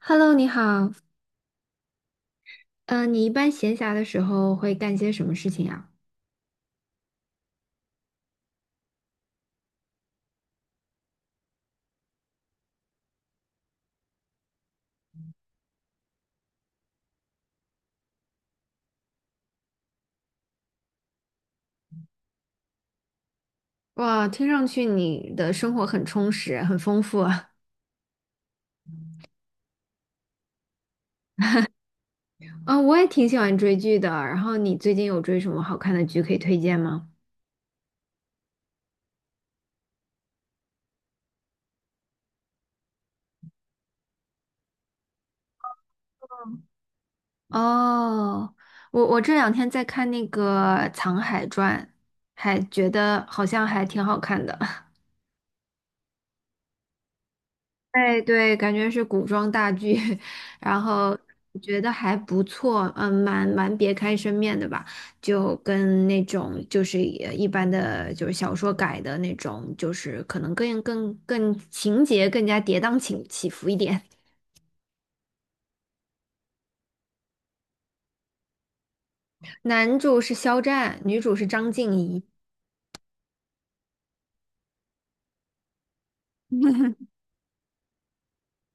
Hello，你好。嗯，你一般闲暇的时候会干些什么事情呀？哇，听上去你的生活很充实，很丰富啊。嗯，我也挺喜欢追剧的。然后你最近有追什么好看的剧可以推荐吗？哦，我这两天在看那个《藏海传》，还觉得好像还挺好看的。哎，对，感觉是古装大剧，然后觉得还不错，嗯，蛮别开生面的吧，就跟那种就是也一般的，就是小说改的那种，就是可能更情节更加跌宕起伏一点。男主是肖战，女主是张婧仪。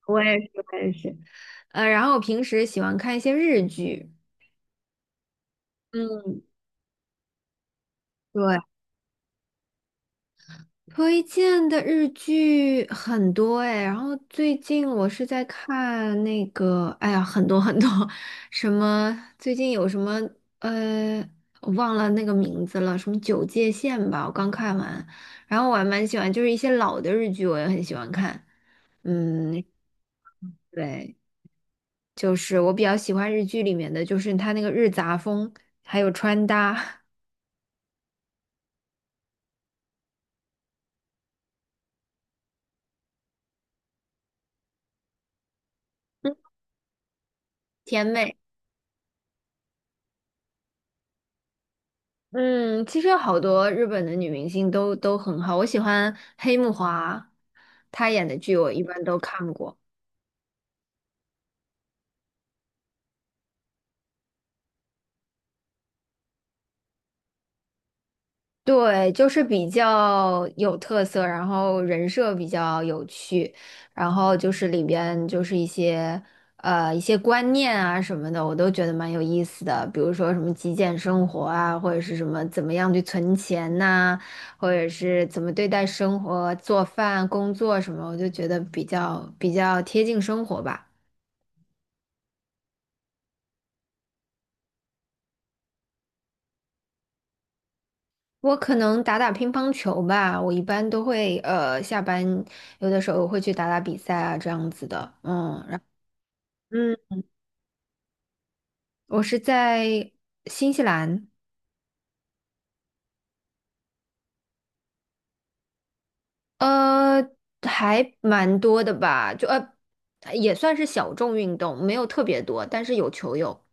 我也是，我也是。然后平时喜欢看一些日剧，嗯，对。推荐的日剧很多哎，然后最近我是在看那个，哎呀，很多很多，什么最近有什么呃，我忘了那个名字了，什么《九界线》吧，我刚看完，然后我还蛮喜欢，就是一些老的日剧我也很喜欢看，嗯，对，就是我比较喜欢日剧里面的，就是它那个日杂风，还有穿搭，甜美。嗯，其实好多日本的女明星都很好，我喜欢黑木华，她演的剧我一般都看过。对，就是比较有特色，然后人设比较有趣，然后就是里边就是一些观念啊什么的，我都觉得蛮有意思的。比如说什么极简生活啊，或者是什么怎么样去存钱呐、或者是怎么对待生活、做饭、工作什么，我就觉得比较贴近生活吧。我可能打打乒乓球吧，我一般都会下班有的时候会去打打比赛啊这样子的，嗯，嗯，我是在新西兰，呃，还蛮多的吧，也算是小众运动，没有特别多，但是有球友。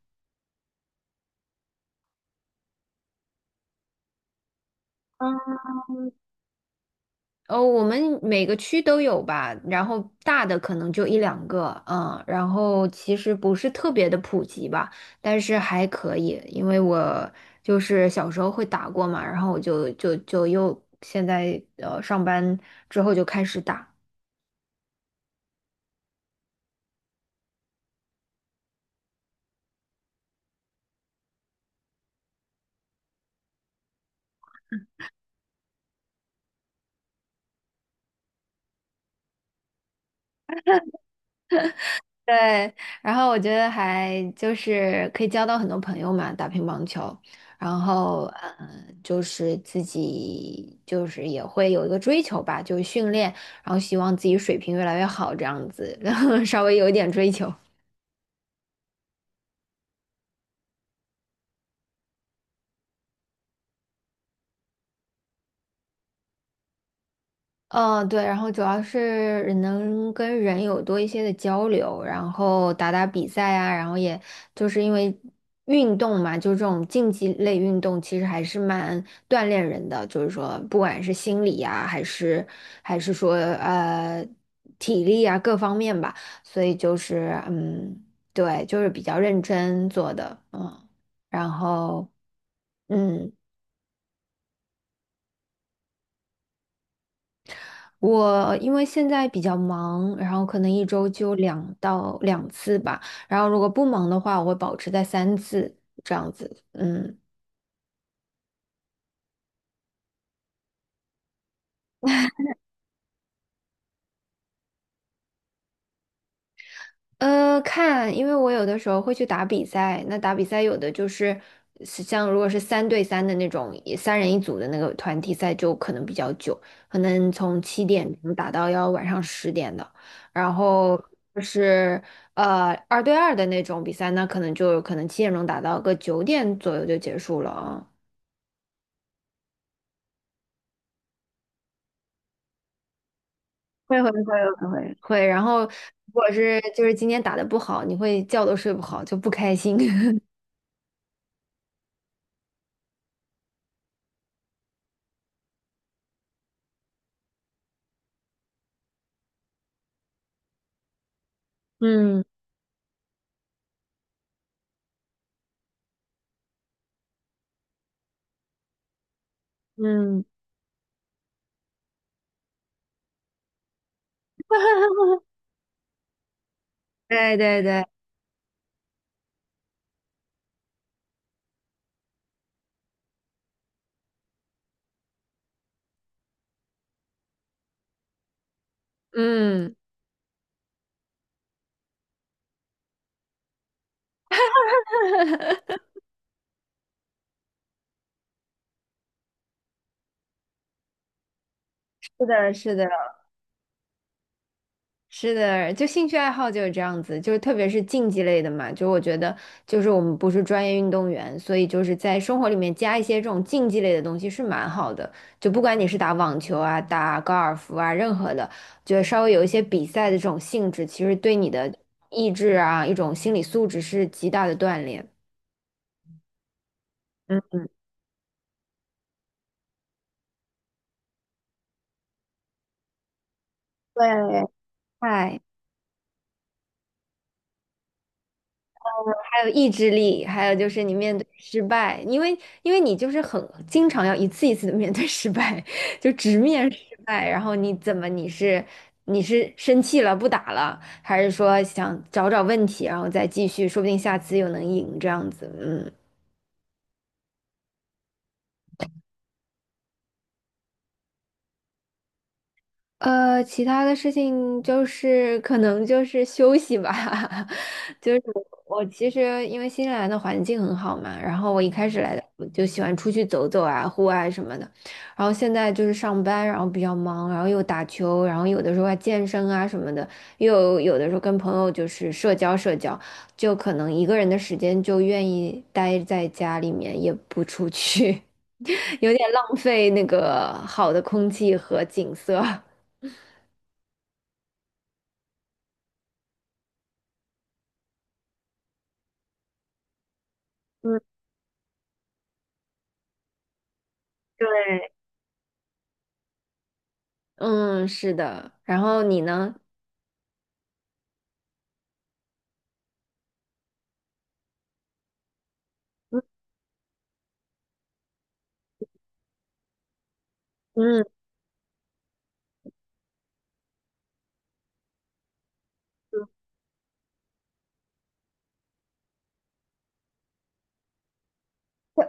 哦，我们每个区都有吧，然后大的可能就一两个，嗯，然后其实不是特别的普及吧，但是还可以，因为我就是小时候会打过嘛，然后我就又现在上班之后就开始打。对，然后我觉得还就是可以交到很多朋友嘛，打乒乓球，然后就是自己就是也会有一个追求吧，就是训练，然后希望自己水平越来越好这样子，然后稍微有一点追求。嗯，对，然后主要是能跟人有多一些的交流，然后打打比赛啊，然后也就是因为运动嘛，就这种竞技类运动，其实还是蛮锻炼人的，就是说不管是心理呀、还是说体力啊各方面吧，所以就是嗯，对，就是比较认真做的，嗯，然后。嗯。我因为现在比较忙，然后可能一周就两次吧，然后如果不忙的话，我会保持在三次这样子。嗯，看，因为我有的时候会去打比赛，那打比赛有的就是像如果是三对三的那种，也三人一组的那个团体赛就可能比较久，可能从七点钟打到要晚上十点的，然后就是二对二的那种比赛，那可能就可能七点钟打到个九点左右就结束了啊。会会会会会会，然后如果是就是今天打的不好，你会觉都睡不好，就不开心。嗯嗯。对对对，嗯，是的，是的，是的，就兴趣爱好就是这样子，就是特别是竞技类的嘛，就我觉得，就是我们不是专业运动员，所以就是在生活里面加一些这种竞技类的东西是蛮好的。就不管你是打网球啊、打高尔夫啊，任何的，就得稍微有一些比赛的这种性质，其实对你的意志啊，一种心理素质是极大的锻炼。嗯嗯，对，嗨。还有意志力，还有就是你面对失败，因为你就是很经常要一次一次的面对失败，就直面失败，然后你怎么你是生气了不打了，还是说想找找问题，然后再继续，说不定下次又能赢这样子，嗯。其他的事情就是可能就是休息吧，就是我其实因为新西兰的环境很好嘛，然后我一开始来的我就喜欢出去走走啊，户外什么的，然后现在就是上班，然后比较忙，然后又打球，然后有的时候还健身啊什么的，又有的时候跟朋友就是社交社交，就可能一个人的时间就愿意待在家里面，也不出去，有点浪费那个好的空气和景色。嗯，是的。然后你呢？嗯，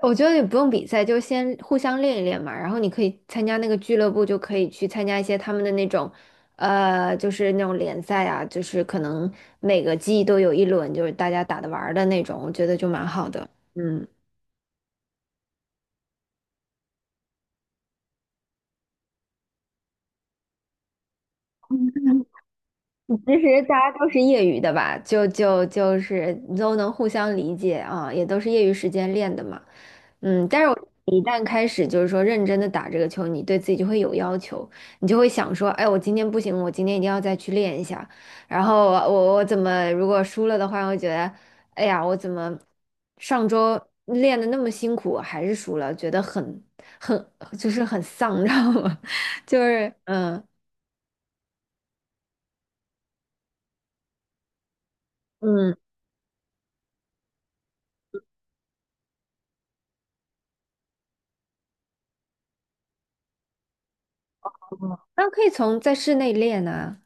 我觉得也不用比赛，就先互相练一练嘛。然后你可以参加那个俱乐部，就可以去参加一些他们的那种，就是那种联赛啊，就是可能每个季都有一轮，就是大家打的玩儿的那种，我觉得就蛮好的。嗯。其实大家都是业余的吧，就是都能互相理解啊，也都是业余时间练的嘛。嗯，但是我一旦开始就是说认真的打这个球，你对自己就会有要求，你就会想说，哎，我今天不行，我今天一定要再去练一下。然后我我我怎么如果输了的话，我会觉得，哎呀，我怎么上周练的那么辛苦，还是输了，觉得很就是很丧，你知道吗？就是嗯。嗯嗯那可以在室内练啊。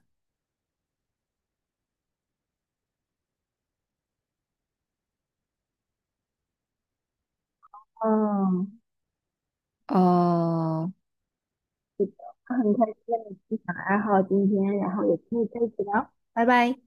嗯，哦，很开心跟你分享爱好今天，然后也可以再一起聊，拜拜。